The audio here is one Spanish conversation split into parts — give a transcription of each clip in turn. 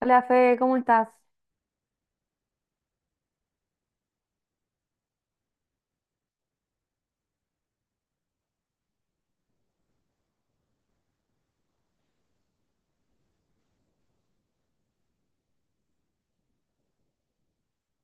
Hola Fe, ¿cómo estás?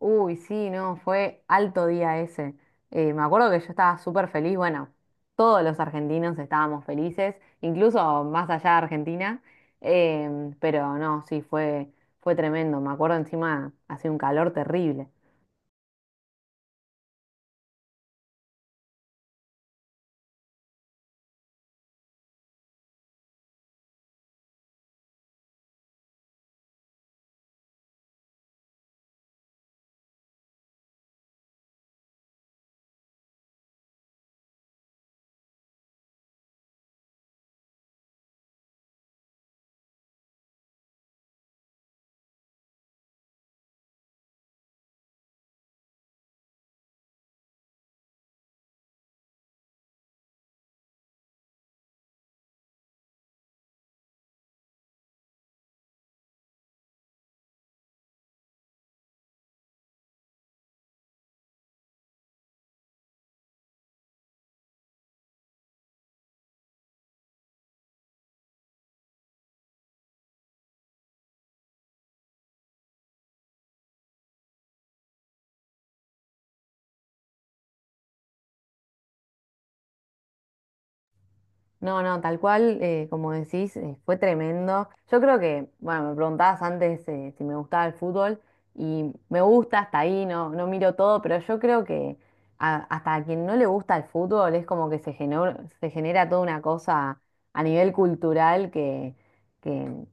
Uy, sí, no, fue alto día ese. Me acuerdo que yo estaba súper feliz, bueno, todos los argentinos estábamos felices, incluso más allá de Argentina, pero no, sí, fue tremendo. Me acuerdo encima, hacía un calor terrible. No, no, tal cual, como decís, fue tremendo. Yo creo que, bueno, me preguntabas antes si me gustaba el fútbol y me gusta hasta ahí, no, no miro todo, pero yo creo que hasta a quien no le gusta el fútbol es como que se genera toda una cosa a nivel cultural que no,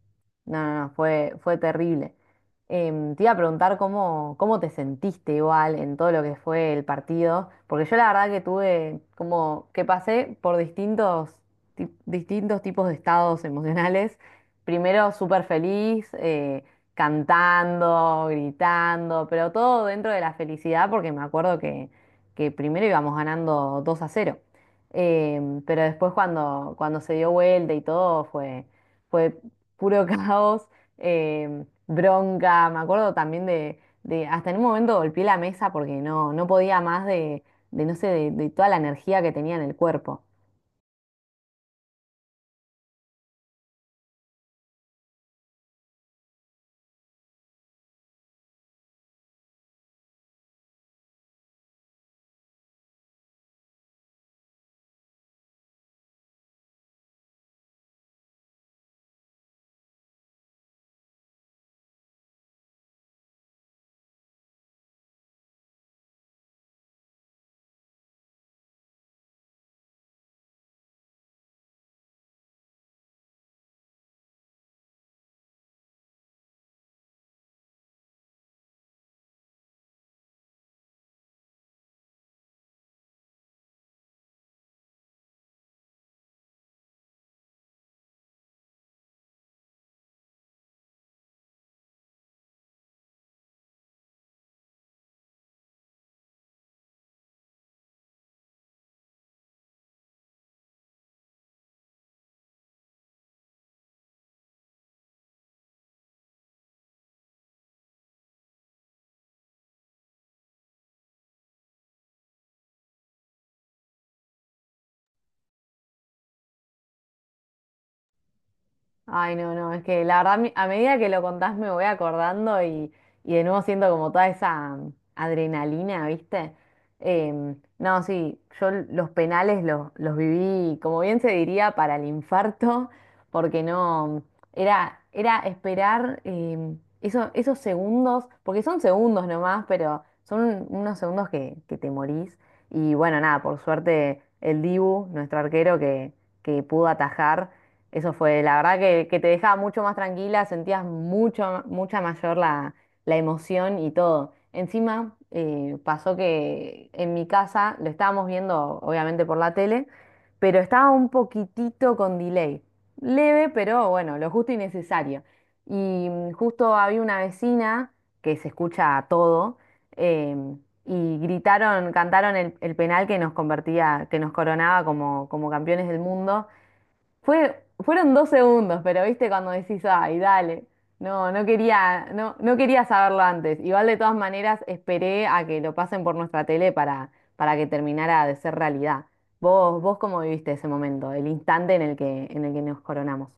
no, no, fue terrible. Te iba a preguntar cómo te sentiste igual en todo lo que fue el partido, porque yo la verdad que tuve como que pasé por distintos distintos tipos de estados emocionales. Primero súper feliz, cantando, gritando, pero todo dentro de la felicidad, porque me acuerdo que primero íbamos ganando 2-0. Pero después cuando se dio vuelta y todo fue puro caos, em, bronca. Me acuerdo también hasta en un momento golpeé la mesa porque no, no podía más de, no sé, de toda la energía que tenía en el cuerpo. Ay, no, no, es que la verdad, a medida que lo contás me voy acordando y de nuevo siento como toda esa adrenalina, ¿viste? No, sí, yo los penales los viví, como bien se diría, para el infarto, porque no, era, era esperar esos segundos, porque son segundos nomás, pero son unos segundos que te morís. Y bueno, nada, por suerte el Dibu, nuestro arquero que pudo atajar. Eso fue, la verdad que te dejaba mucho más tranquila, sentías mucha mayor la emoción y todo. Encima, pasó que en mi casa lo estábamos viendo, obviamente, por la tele, pero estaba un poquitito con delay. Leve, pero bueno, lo justo y necesario. Y justo había una vecina que se escucha todo, em, y gritaron, cantaron el penal que nos convertía, que nos coronaba como campeones del mundo. Fue, fueron dos segundos, pero viste cuando decís, ay, dale. No, no quería, no, no quería saberlo antes. Igual de todas maneras esperé a que lo pasen por nuestra tele para que terminara de ser realidad. ¿Vos, vos cómo viviste ese momento, el instante en el que nos coronamos?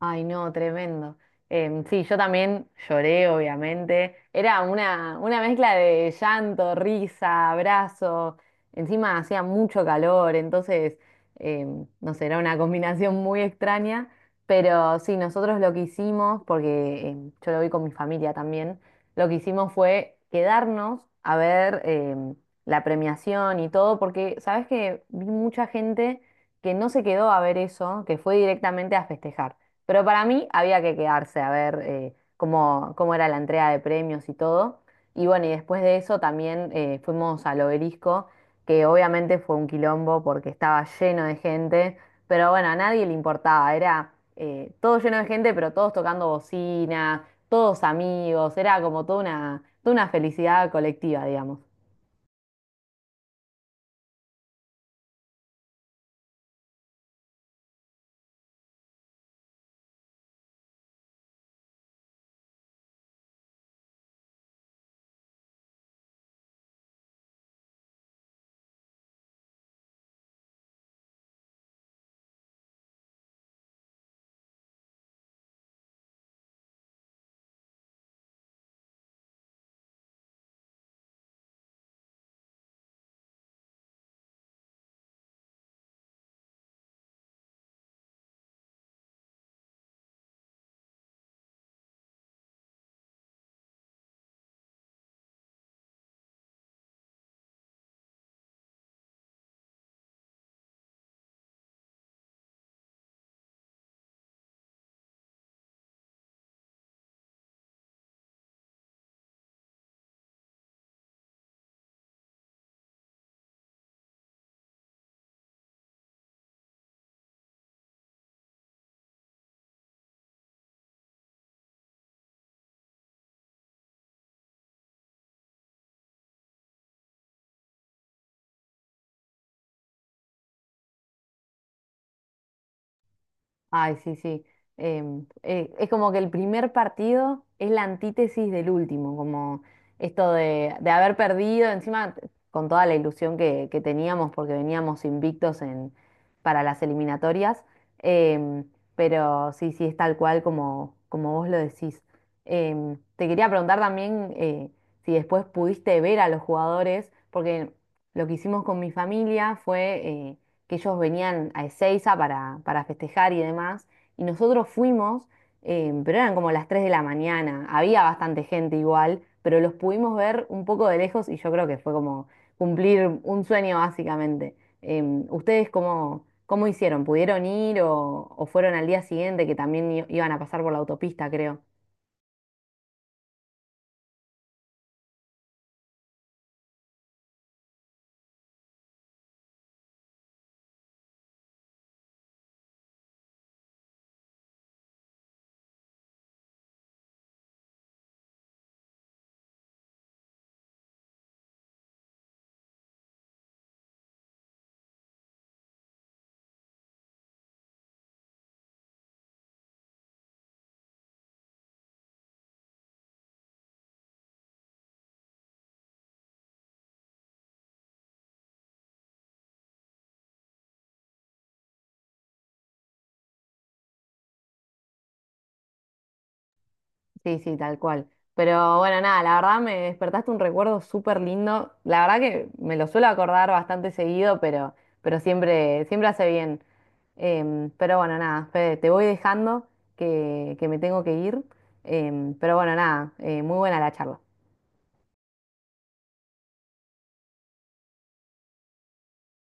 Ay, no, tremendo. Sí, yo también lloré, obviamente. Era una mezcla de llanto, risa, abrazo. Encima hacía mucho calor, entonces, em, no sé, era una combinación muy extraña. Pero sí, nosotros lo que hicimos, porque yo lo vi con mi familia también, lo que hicimos fue quedarnos a ver la premiación y todo, porque, ¿sabes que vi mucha gente que no se quedó a ver eso, que fue directamente a festejar. Pero para mí había que quedarse a ver cómo era la entrega de premios y todo. Y bueno, y después de eso también fuimos al Obelisco, que obviamente fue un quilombo porque estaba lleno de gente, pero bueno, a nadie le importaba, era todo lleno de gente, pero todos tocando bocina, todos amigos, era como toda una felicidad colectiva, digamos. Ay, sí, sí. Es como que el primer partido es la antítesis del último, como esto de haber perdido, encima con toda la ilusión que teníamos porque veníamos invictos para las eliminatorias, em, pero sí, sí, es tal cual como vos lo decís. Te quería preguntar también si después pudiste ver a los jugadores, porque lo que hicimos con mi familia fue que ellos venían a Ezeiza para festejar y demás, y nosotros fuimos, pero eran como las 3 de la mañana, había bastante gente igual, pero los pudimos ver un poco de lejos y yo creo que fue como cumplir un sueño básicamente. ¿Ustedes cómo hicieron? ¿Pudieron ir o fueron al día siguiente que también iban a pasar por la autopista, creo? Sí, sí, tal cual. Pero bueno, nada, la verdad me despertaste un recuerdo súper lindo. La verdad que me lo suelo acordar bastante seguido, pero siempre, siempre hace bien. Pero bueno, nada, Fede, te voy dejando que me tengo que ir. Em, pero bueno, nada, muy buena la charla.